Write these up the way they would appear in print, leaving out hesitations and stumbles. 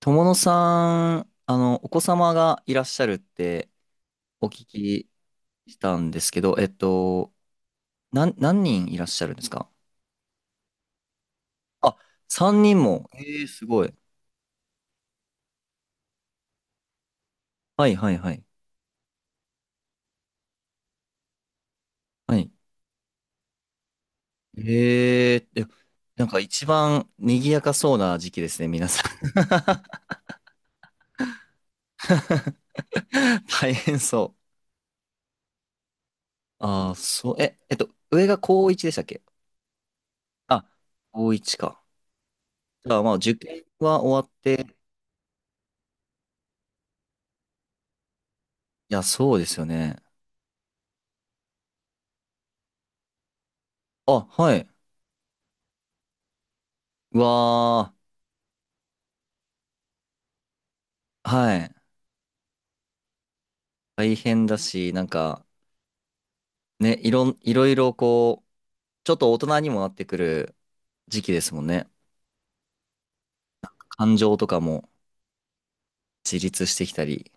友野さん、お子様がいらっしゃるってお聞きしたんですけど、何人いらっしゃるんですか？あ、3人も。ええ、すごい。はいはいはい。はい。え、なんか一番賑やかそうな時期ですね、皆さん。大変そう。ああ、そう、上が高1でしたっけ？あ、高1か。じゃあまあ受験は終わって、いや、そうですよね。あ、はい。うわー。はい。大変だし、なんか、ね、いろいろこう、ちょっと大人にもなってくる時期ですもんね。感情とかも自立してきたり。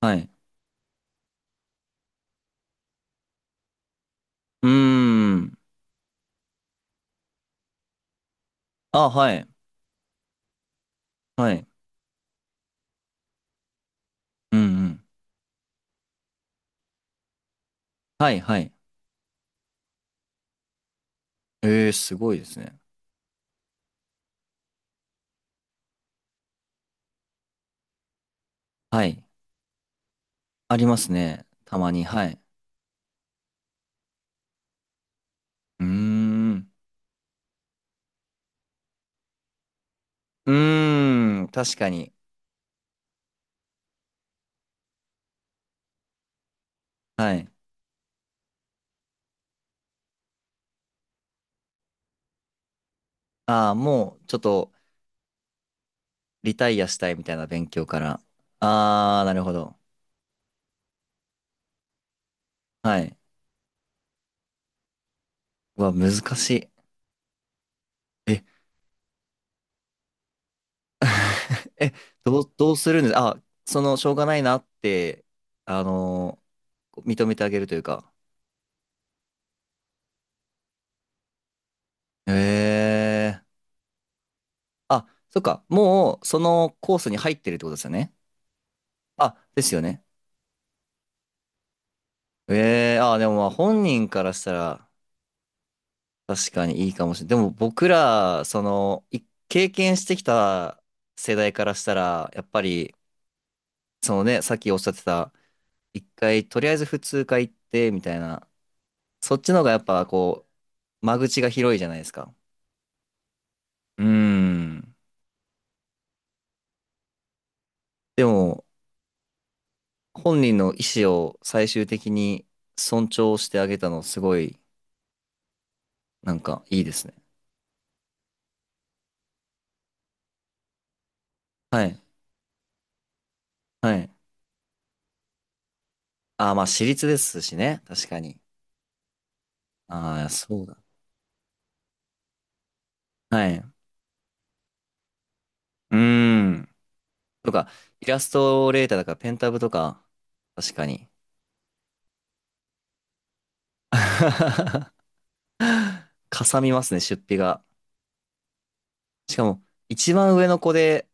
はい。うーん。あ、はい。はい。うんうん。はい、はい。えー、すごいですね。はい。ありますね。たまに。はい。うーん。うーん。確かに。はい。ああ、もう、ちょっと、リタイアしたいみたいな勉強から。ああ、なるほど。はい。うわ、難しい。え。 え、どうするんです？あ、その、しょうがないなって、あのー認めてあげるというか。へえ。あ、そっか。もう、そのコースに入ってるってことですよね。あ、ですよね。ええ、あ、でもまあ本人からしたら確かにいいかもしれない。でも僕ら、その、経験してきた世代からしたら、やっぱり、そのね、さっきおっしゃってた、一回、とりあえず普通科行って、みたいな、そっちの方がやっぱこう、間口が広いじゃないですか。うーん。でも、本人の意思を最終的に尊重してあげたの、すごい、なんか、いいですね。はい。はい。ああ、まあ、私立ですしね。確かに。ああ、そうだ。はい。うーん。とか、イラストレーターだから、ペンタブとか、確かに。かさみますね、出費が。しかも、一番上の子で、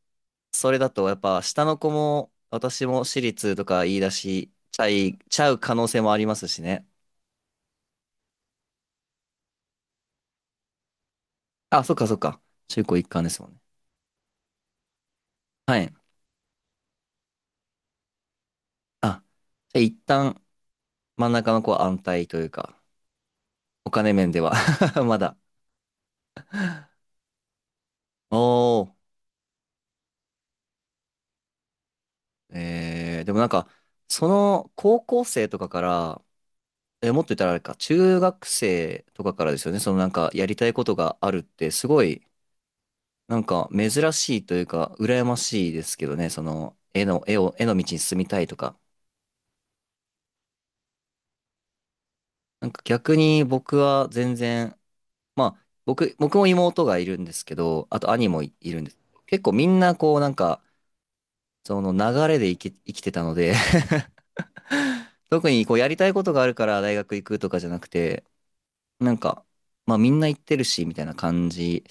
それだと、やっぱ、下の子も、私も私立とか言い出し、ちゃう可能性もありますしね。あ、そっかそっか。中高一貫ですもんね。はい。あ、じゃあ一旦真ん中の子は安泰というか、お金面では。 まだ。おー。でもなんか、その高校生とかから、え、もっと言ったらあれか、中学生とかからですよね。そのなんかやりたいことがあるって、すごい、なんか珍しいというか、羨ましいですけどね。その、絵の道に進みたいとか。なんか逆に僕は全然、まあ、僕も妹がいるんですけど、あと兄もいるんです。結構みんなこうなんか、その流れで生きてたので。 特にこうやりたいことがあるから大学行くとかじゃなくて、なんか、まあみんな行ってるし、みたいな感じ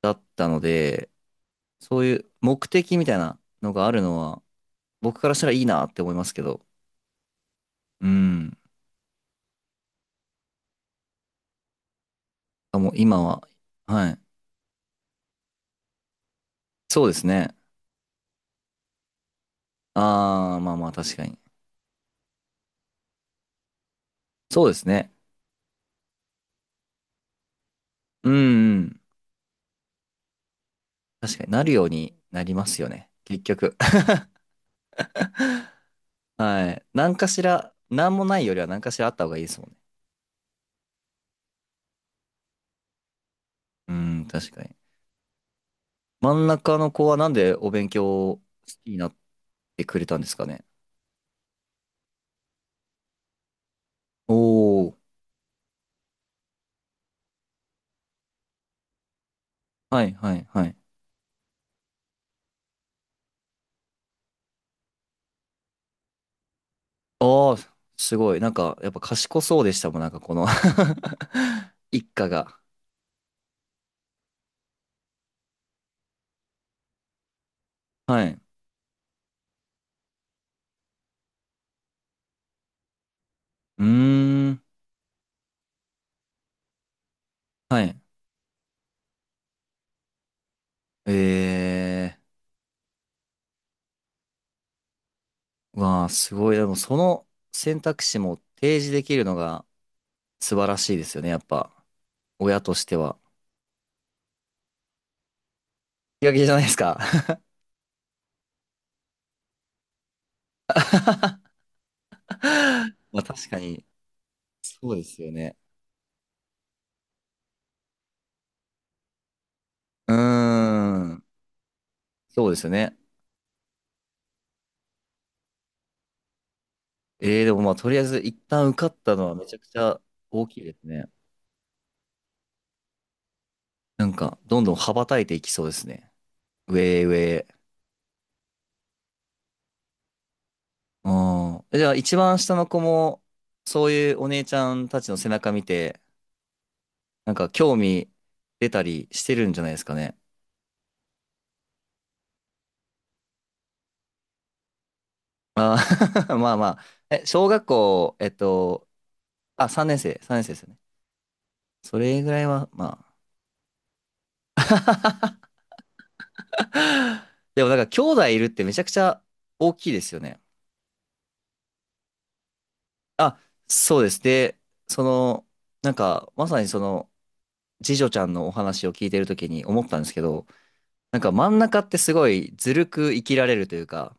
だったので、そういう目的みたいなのがあるのは、僕からしたらいいなって思いますけど、うん。あ、もう今は、はい。そうですね。ああ、まあまあ確かに。そうですね。うんうん。確かになるようになりますよね、結局。はい。何かしら、何もないよりは何かしらあった方がいいですもんね。うん、確かに。真ん中の子はなんでお勉強好きになってくれたんですかね。おー。はいはいはい。ああ、すごい。なんか、やっぱ賢そうでしたもん、なんかこの。 一家が。はい。うーん。はい。ええー。うわあ、すごい。でもその選択肢も提示できるのが素晴らしいですよね。やっぱ。親としては。気が気じゃないですか。まあ確かに、そうですよね。うーん、そうですよね。でもまあとりあえず一旦受かったのはめちゃくちゃ大きいですね。なんか、どんどん羽ばたいていきそうですね。上へ上へ。うん。じゃあ一番下の子も、そういうお姉ちゃんたちの背中見て、なんか興味出たりしてるんじゃないですかね。あー。 まあまあ。え、小学校、あ、3年生、3年生ですよね。それぐらいは、まあ。でもなんか兄弟いるってめちゃくちゃ大きいですよね。あ、そうです。で、その、なんかまさにその次女ちゃんのお話を聞いてるときに思ったんですけど、なんか真ん中ってすごいずるく生きられるというか、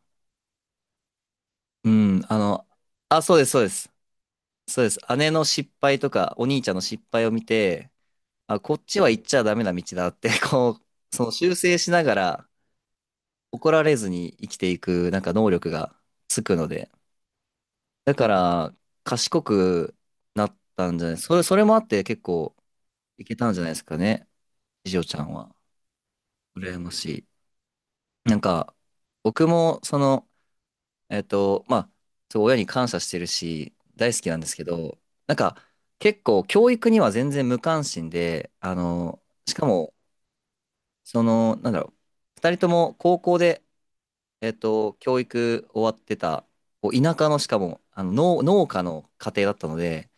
うん、あ、そうです、そうです。そうです。姉の失敗とかお兄ちゃんの失敗を見て、あ、こっちは行っちゃダメな道だって、こう、その修正しながら怒られずに生きていくなんか能力がつくので、だから、賢くなったんじゃない、それもあって結構いけたんじゃないですかね、次女ちゃんは。羨ましい。なんか、僕も、その、まあ、そう、親に感謝してるし、大好きなんですけど、なんか、結構、教育には全然無関心で、しかも、その、なんだろう、二人とも高校で、教育終わってた、こう田舎の、しかも、農家の家庭だったので、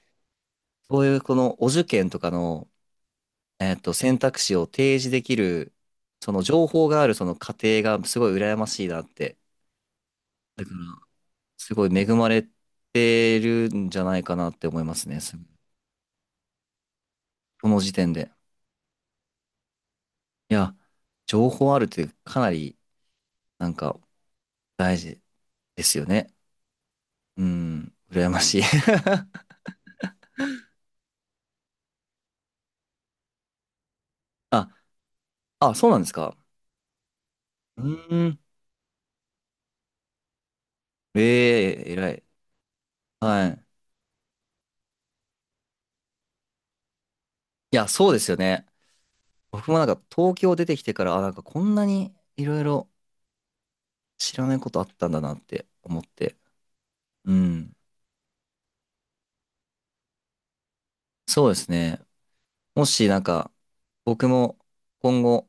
そういうこのお受験とかの、選択肢を提示できる、その情報があるその過程がすごい羨ましいなって。だから、すごい恵まれてるんじゃないかなって思いますね。この時点で。いや、情報あるってかなりなんか大事ですよね。うん、羨ましい。あ、あ、そうなんですか。うん、ええ、偉い。はい。いや、そうですよね。僕もなんか東京出てきてから、あ、なんかこんなにいろいろ知らないことあったんだなって思って。うん。そうですね。もしなんか僕も今後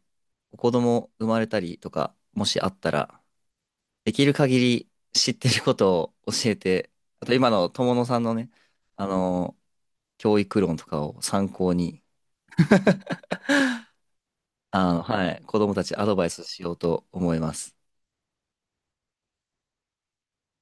子供生まれたりとか、もしあったら、できる限り知ってることを教えて、あと今の友野さんのね、あの、教育論とかを参考に、はい、子供たちアドバイスしようと思います。